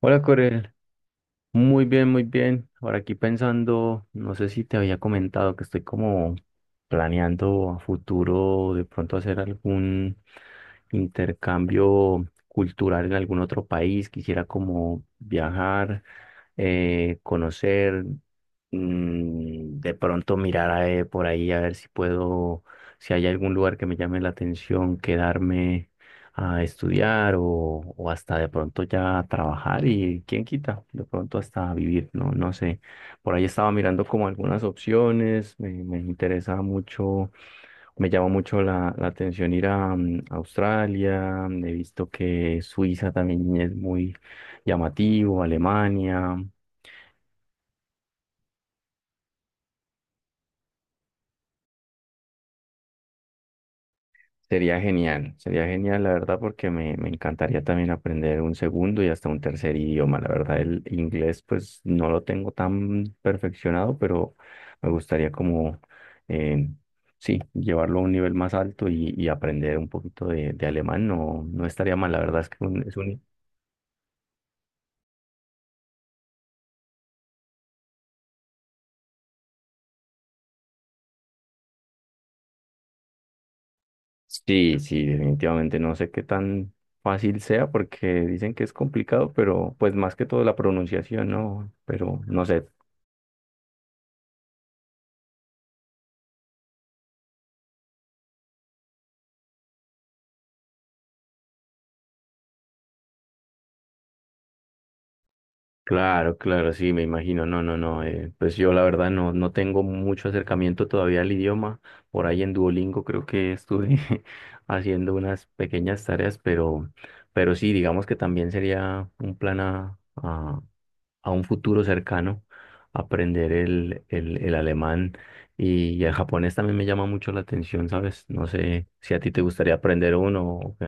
Hola Corel, muy bien, muy bien. Ahora aquí pensando, no sé si te había comentado que estoy como planeando a futuro de pronto hacer algún intercambio cultural en algún otro país. Quisiera como viajar, conocer, de pronto mirar, por ahí a ver si puedo, si hay algún lugar que me llame la atención, quedarme a estudiar o hasta de pronto ya trabajar y quién quita, de pronto hasta vivir, no, no sé. Por ahí estaba mirando como algunas opciones, me interesa mucho. Me llama mucho la atención ir a Australia. He visto que Suiza también es muy llamativo, Alemania. Sería genial, la verdad, porque me encantaría también aprender un segundo y hasta un tercer idioma. La verdad, el inglés pues no lo tengo tan perfeccionado, pero me gustaría como, eh, sí, llevarlo a un nivel más alto y aprender un poquito de alemán. No, no estaría mal, la verdad es que es un. Sí, sí, definitivamente. No sé qué tan fácil sea porque dicen que es complicado, pero pues más que todo la pronunciación, ¿no? Pero no sé. Claro, claro, sí, me imagino. No, no, no. Pues yo la verdad no tengo mucho acercamiento todavía al idioma. Por ahí en Duolingo creo que estuve haciendo unas pequeñas tareas, pero, sí, digamos que también sería un plan a un futuro cercano aprender el alemán y el japonés también me llama mucho la atención, ¿sabes? No sé si a ti te gustaría aprender uno, o qué.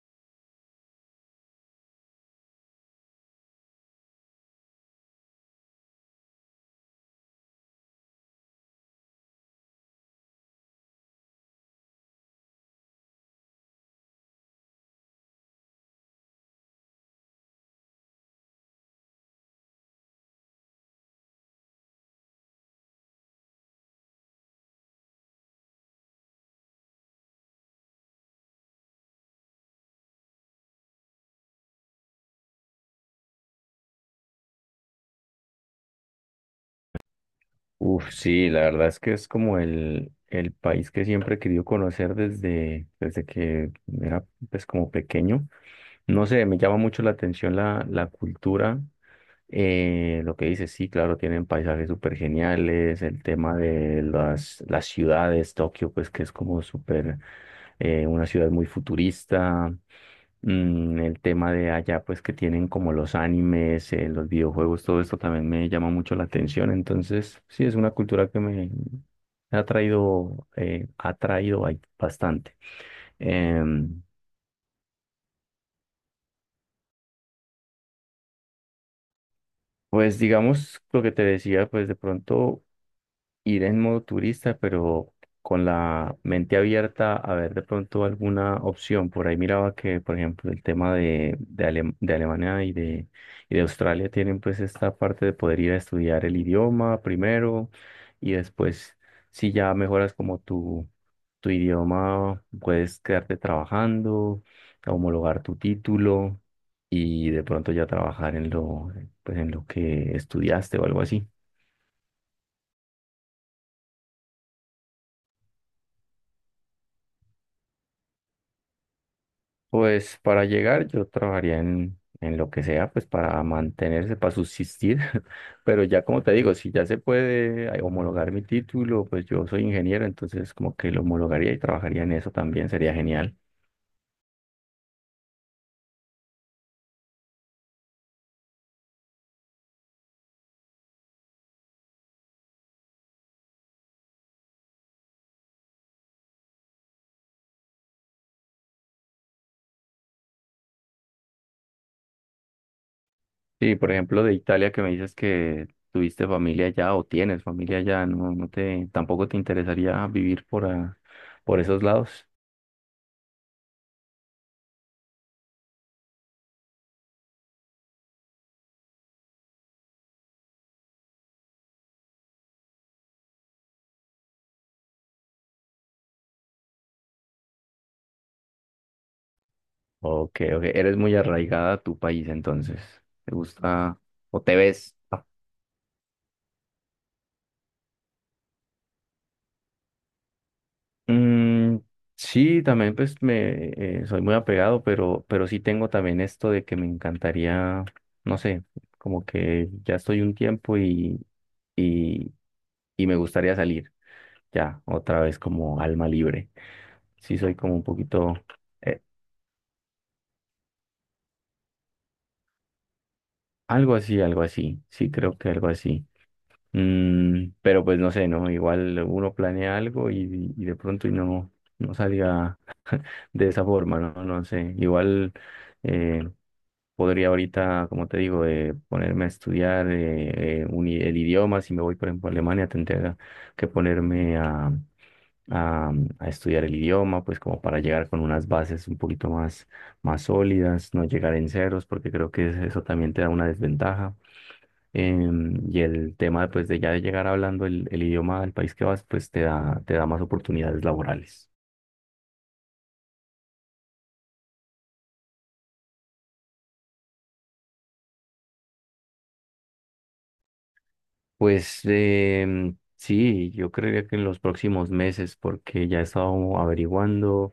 Uf, sí, la verdad es que es como el país que siempre he querido conocer desde que era pues como pequeño. No sé, me llama mucho la atención la cultura, lo que dices, sí, claro, tienen paisajes súper geniales, el tema de las ciudades, Tokio, pues que es como súper, una ciudad muy futurista. El tema de allá pues que tienen como los animes, los videojuegos, todo esto también me llama mucho la atención, entonces sí, es una cultura que me ha atraído ahí bastante. Em, pues digamos lo que te decía, pues de pronto ir en modo turista, pero con la mente abierta a ver de pronto alguna opción. Por ahí miraba que, por ejemplo, el tema de Alemania y de Australia tienen pues esta parte de poder ir a estudiar el idioma primero y después, si ya mejoras como tu idioma, puedes quedarte trabajando, homologar tu título. Y de pronto ya trabajar pues en lo que estudiaste o algo así. Pues para llegar yo trabajaría en lo que sea, pues para mantenerse, para subsistir, pero ya como te digo, si ya se puede ay, homologar mi título, pues yo soy ingeniero, entonces como que lo homologaría y trabajaría en eso también, sería genial. Sí, por ejemplo, de Italia que me dices que tuviste familia allá o tienes familia allá, no, tampoco te interesaría vivir por esos lados. Ok, ok, eres muy arraigada a tu país entonces, ¿te gusta o te ves? Mm, sí, también pues me soy muy apegado, pero, sí tengo también esto de que me encantaría, no sé, como que ya estoy un tiempo y, y me gustaría salir ya otra vez como alma libre. Sí, soy como un poquito, eh, algo así, algo así. Sí, creo que algo así. Pero pues no sé, ¿no? Igual uno planea algo y de pronto y no salga de esa forma, ¿no? No sé. Igual. eh, podría ahorita, como te digo, ponerme a estudiar el idioma. Si me voy, por ejemplo, a Alemania, tendría que ponerme a, a estudiar el idioma, pues como para llegar con unas bases un poquito más sólidas, no llegar en ceros, porque creo que eso también te da una desventaja. Y el tema, pues, de ya de llegar hablando el idioma del país que vas, pues te da, más oportunidades laborales. Pues, sí, yo creería que en los próximos meses, porque ya he estado averiguando.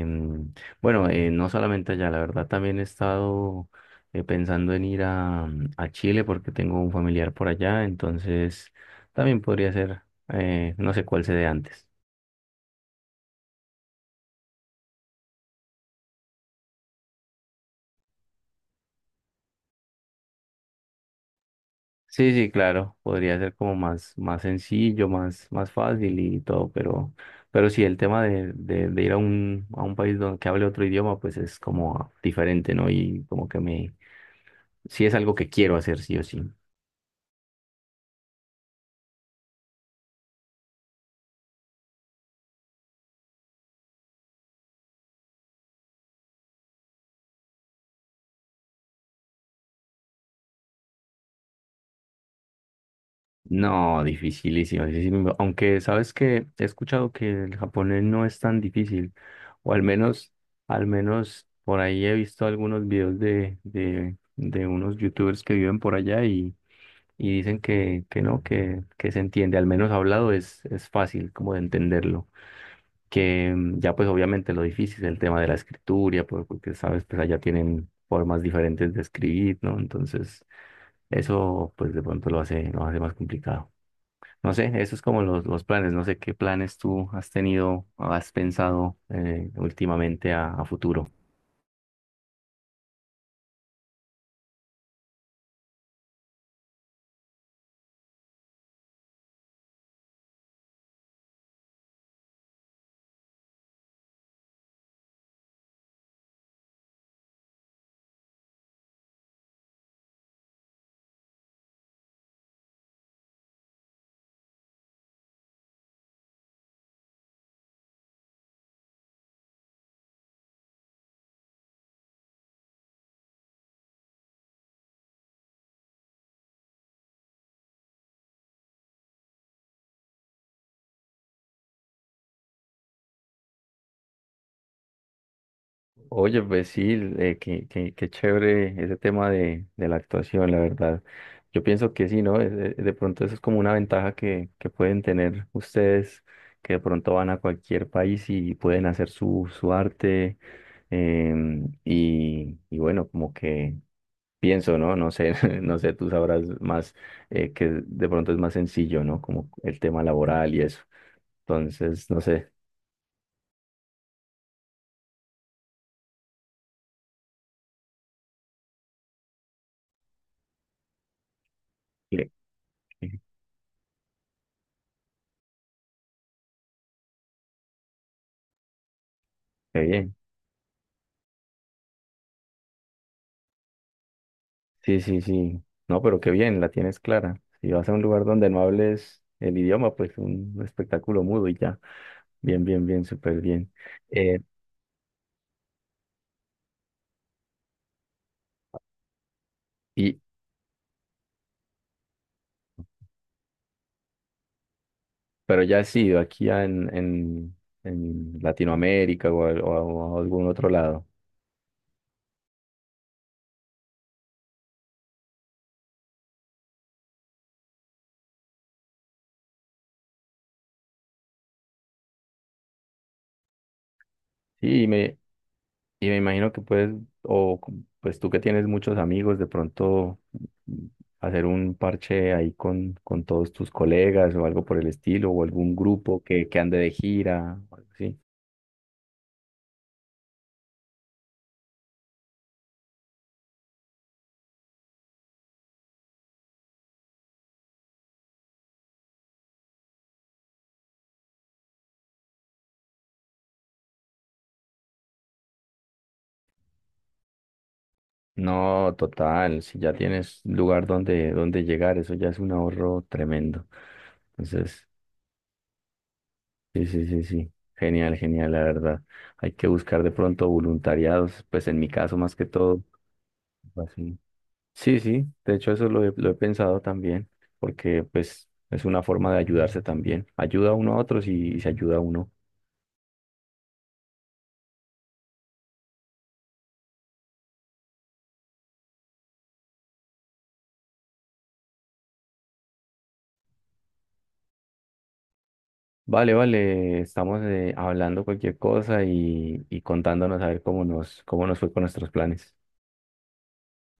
Em, bueno, eh, no solamente allá, la verdad también he estado, pensando en ir a Chile porque tengo un familiar por allá, entonces también podría ser, no sé cuál se dé antes. Sí, sí, claro, podría ser como más, más, sencillo, más fácil y todo, pero sí, el tema de ir a un país donde que hable otro idioma, pues es como diferente, ¿no? Y como que sí es algo que quiero hacer, sí o sí. No, dificilísimo, dificilísimo. Aunque sabes que he escuchado que el japonés no es tan difícil, o al menos por ahí he visto algunos videos de unos youtubers que viven por allá y dicen que no, que se entiende, al menos hablado es fácil como de entenderlo, que, ya pues obviamente lo difícil es el tema de la escritura, porque sabes, pues allá tienen formas diferentes de escribir, ¿no? Entonces eso pues de pronto lo hace más complicado. No sé, eso es como los planes, no sé qué planes tú has tenido, has pensado, últimamente a futuro. Oye, pues sí, qué chévere ese tema de la actuación, la verdad. Yo pienso que sí, ¿no? De pronto eso es como una ventaja que pueden tener ustedes, que de pronto van a cualquier país y pueden hacer su arte. Y bueno, como que pienso, ¿no? No sé, no sé, tú sabrás más, que de pronto es más sencillo, ¿no? Como el tema laboral y eso. Entonces, no sé. qué- qué- qué bien. Sí, sí, sí. No, pero qué bien, la tienes clara. Si vas a un lugar donde no hables el idioma, pues un espectáculo mudo y ya. Bien, bien, bien, súper bien. Eh, y, pero ya has ido aquí en Latinoamérica o a algún otro lado. Sí, y me imagino que puedes, o c- pues tú que tienes muchos amigos, de pronto, mm, hacer un parche ahí con todos tus colegas o algo por el estilo, o algún grupo que ande de gira, o algo así. No, total, si ya tienes lugar donde llegar, eso ya es un ahorro tremendo. Entonces, sí, sí, sí, sí, genial, genial, la verdad. Hay que buscar de pronto voluntariados, pues en mi caso más que todo, así. Sí, sí, de hecho eso lo he pensado también, porque pues es una forma de ayudarse también. Ayuda uno a otros y se ayuda a uno. Vale, vale, estamos, hablando cualquier cosa y contándonos a ver cómo nos, fue con nuestros planes.